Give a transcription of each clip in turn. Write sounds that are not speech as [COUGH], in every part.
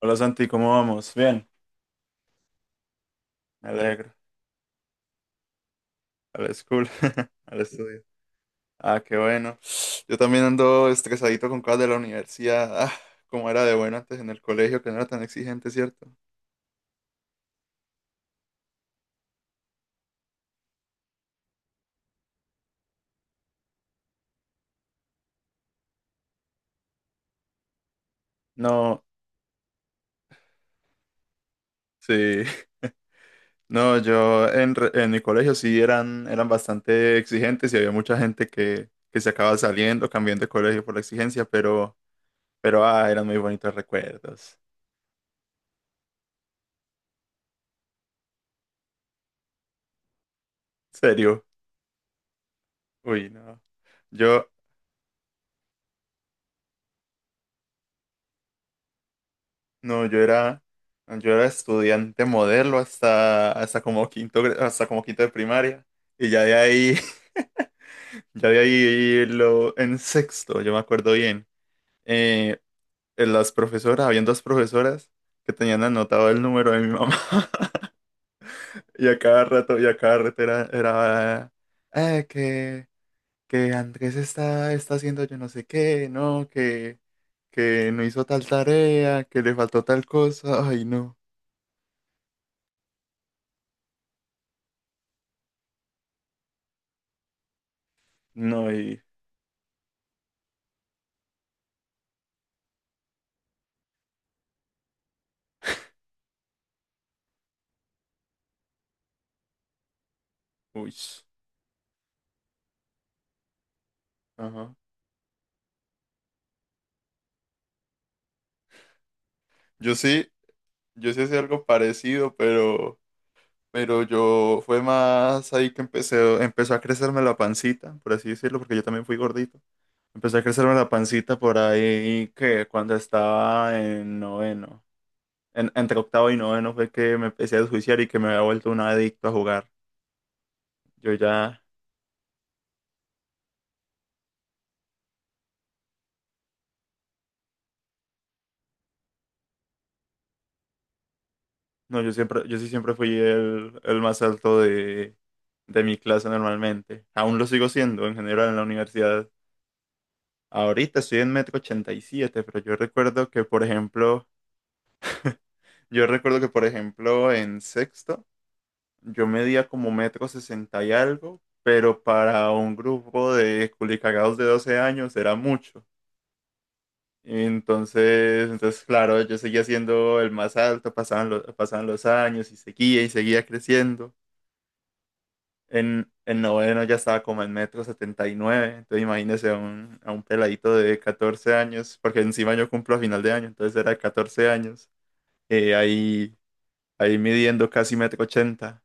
Hola Santi, ¿cómo vamos? Bien, me alegro. A la school, [LAUGHS] al estudio. Ah, qué bueno. Yo también ando estresadito con cosas de la universidad. Ah, cómo era de bueno antes en el colegio, que no era tan exigente, ¿cierto? No, sí. [LAUGHS] No, yo en mi colegio sí eran, bastante exigentes y había mucha gente que se acaba saliendo, cambiando de colegio por la exigencia, pero eran muy bonitos recuerdos. ¿Serio? Uy, no. Yo, No, yo era estudiante modelo hasta como quinto, hasta como quinto de primaria. Y [LAUGHS] ya de ahí en sexto, yo me acuerdo bien. eh, habían dos profesoras que tenían anotado el número de mi mamá. [LAUGHS] Y a cada rato era eh, que, que Andrés está haciendo yo no sé qué, no, que no hizo tal tarea, que le faltó tal cosa. Ay, no. No, y. Uy. Ajá. Yo sí, yo sí hacía algo parecido, pero yo fue más ahí que empezó a crecerme la pancita, por así decirlo, porque yo también fui gordito. Empezó a crecerme la pancita por ahí que cuando estaba en noveno, entre octavo y noveno fue que me empecé a desjuiciar y que me había vuelto un adicto a jugar. Yo ya, no, yo sí siempre fui el más alto de mi clase normalmente. Aún lo sigo siendo en general en la universidad. Ahorita estoy en metro 87, pero yo recuerdo que, por ejemplo, [LAUGHS] yo recuerdo que, por ejemplo, en sexto, yo medía como metro 60 y algo, pero para un grupo de culicagados de 12 años era mucho. Entonces, claro, yo seguía siendo el más alto, pasaban los años y seguía creciendo. En noveno ya estaba como en metro setenta y nueve. Entonces imagínese a un peladito de 14 años, porque encima yo cumplo a final de año, entonces era de 14 años, eh, ahí, ahí midiendo casi metro ochenta.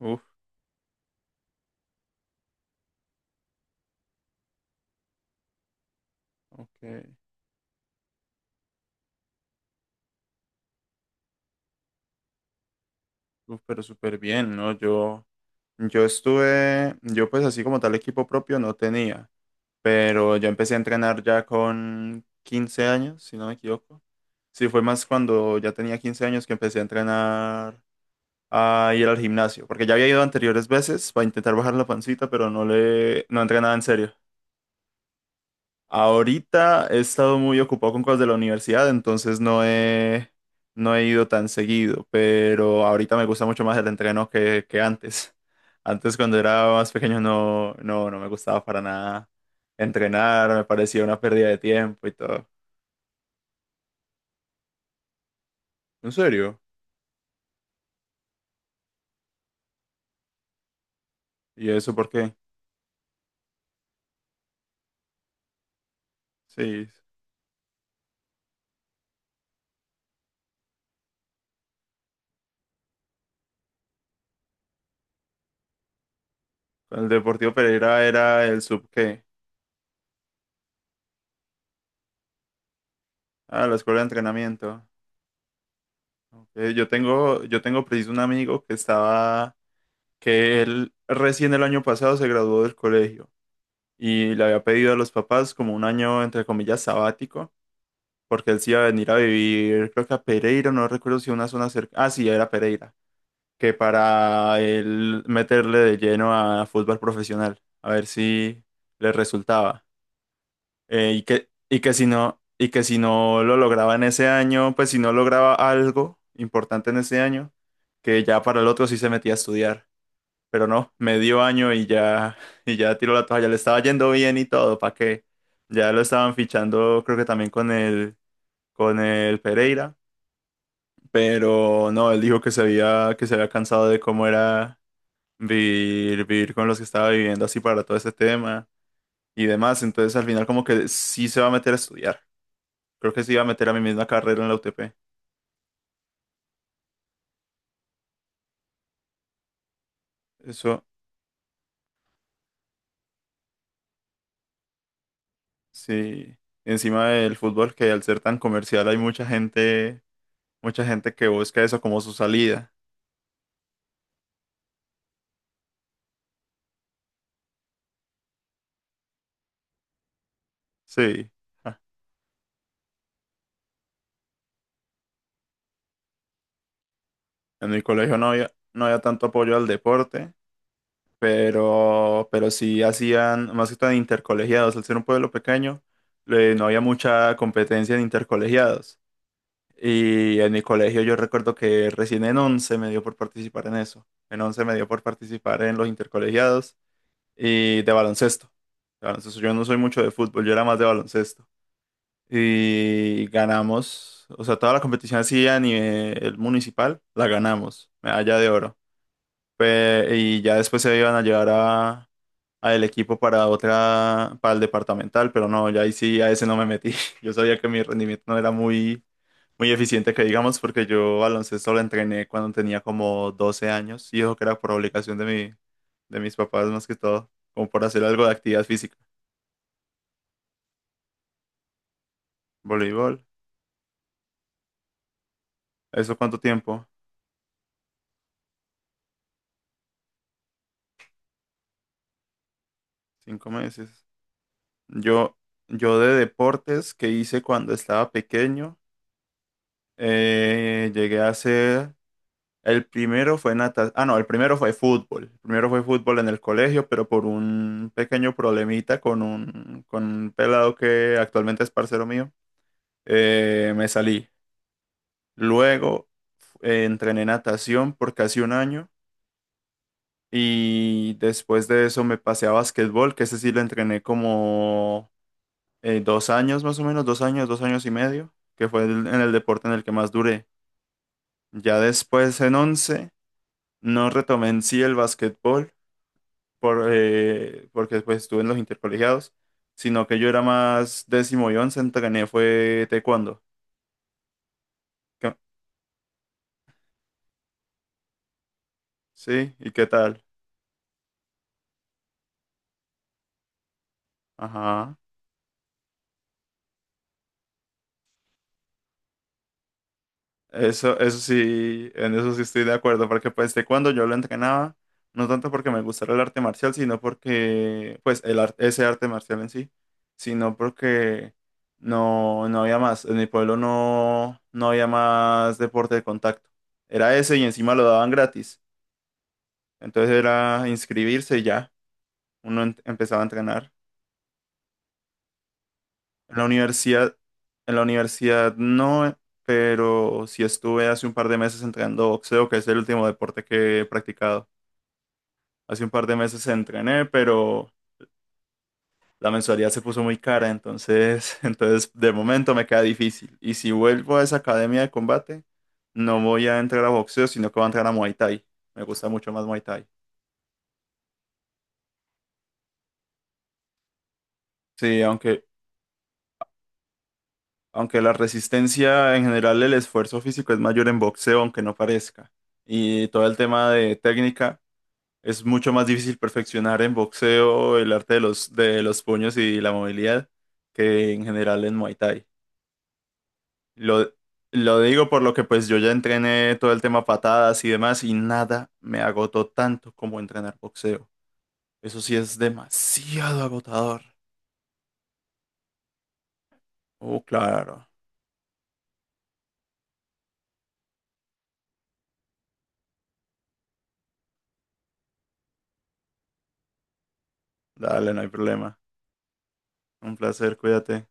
Uf, ok, uf, pero súper bien, ¿no? Yo pues así como tal equipo propio no tenía, pero yo empecé a entrenar ya con 15 años, si no me equivoco. Sí, fue más cuando ya tenía 15 años que empecé a entrenar a ir al gimnasio, porque ya había ido anteriores veces para intentar bajar la pancita, pero no entré nada en serio. Ahorita he estado muy ocupado con cosas de la universidad, entonces no he ido tan seguido, pero ahorita me gusta mucho más el entreno que antes. Antes cuando era más pequeño no me gustaba para nada entrenar, me parecía una pérdida de tiempo y todo. ¿En serio? ¿Y eso por qué? Sí, con el Deportivo Pereira era el sub qué? Ah, la escuela de entrenamiento. Yo tengo preciso un amigo que él recién el año pasado se graduó del colegio y le había pedido a los papás como un año, entre comillas, sabático, porque él sí iba a venir a vivir, creo que a Pereira, no recuerdo si una zona cerca, ah, sí, era Pereira, que para él meterle de lleno a fútbol profesional, a ver si le resultaba. Y que si no, y que si no lo lograba en ese año, pues si no lograba algo importante en ese año, que ya para el otro sí se metía a estudiar. Pero no, medio año y ya, [LAUGHS] y ya tiró la toalla. Le estaba yendo bien y todo, ¿para qué? Ya lo estaban fichando, creo que también con el Pereira. Pero no, él dijo que se había cansado de cómo era vivir con los que estaba viviendo así para todo ese tema y demás. Entonces al final como que sí se va a meter a estudiar. Creo que sí iba a meter a mi misma carrera en la UTP. Eso sí. Encima del fútbol, que al ser tan comercial hay mucha gente que busca eso como su salida. Sí. Ah, en mi colegio no había tanto apoyo al deporte, pero sí hacían, más que todo intercolegiados. Al ser un pueblo pequeño, no había mucha competencia en intercolegiados. Y en mi colegio yo recuerdo que recién en 11 me dio por participar en eso. En 11 me dio por participar en los intercolegiados y de baloncesto. De baloncesto. Yo no soy mucho de fútbol, yo era más de baloncesto. Y ganamos, o sea, toda la competición así a nivel municipal, la ganamos, medalla de oro. Y ya después se iban a llevar a el equipo para el departamental, pero no, ya ahí sí a ese no me metí. [LAUGHS] Yo sabía que mi rendimiento no era muy, muy eficiente, que digamos, porque yo baloncesto lo entrené cuando tenía como 12 años y eso que era por obligación de mis papás más que todo, como por hacer algo de actividad física. Voleibol. ¿Eso cuánto tiempo? 5 meses. Yo, yo de deportes que hice cuando estaba pequeño, llegué a hacer, el primero fue natación. Ah, no, el primero fue fútbol. El primero fue fútbol en el colegio, pero por un pequeño problemita con un pelado que actualmente es parcero mío, me salí. Luego entrené natación por casi un año. Y después de eso me pasé a básquetbol, que ese sí lo entrené como 2 años más o menos, 2 años, 2 años y medio, que fue en el deporte en el que más duré. Ya después en 11 no retomé en sí el básquetbol porque después estuve en los intercolegiados, sino que yo era más décimo y once, entrené fue taekwondo. ¿Qué- Sí, ¿y qué tal? Ajá. En eso sí estoy de acuerdo, porque pues de cuando yo lo entrenaba, no tanto porque me gustara el arte marcial, sino porque, pues ese arte marcial en sí, sino porque no había más, en mi pueblo no había más deporte de contacto. Era ese y encima lo daban gratis, entonces era inscribirse y ya, uno empezaba a entrenar. En la universidad, en la universidad no, pero sí estuve hace un par de meses entrenando boxeo, que es el último deporte que he practicado. Hace un par de meses entrené, pero la mensualidad se puso muy cara, entonces, [LAUGHS] entonces de momento me queda difícil. Y si vuelvo a esa academia de combate, no voy a entrar a boxeo, sino que voy a entrar a Muay Thai. Me gusta mucho más Muay Thai. Sí, aunque la resistencia en general, el esfuerzo físico es mayor en boxeo, aunque no parezca. Y todo el tema de técnica. Es mucho más difícil perfeccionar en boxeo el arte de los puños y la movilidad que en general en Muay Thai. Lo, lo digo por lo que pues yo ya entrené todo el tema patadas y demás y nada me agotó tanto como entrenar boxeo. Eso sí es demasiado agotador. Oh, claro. Dale, no hay problema. Un placer, cuídate.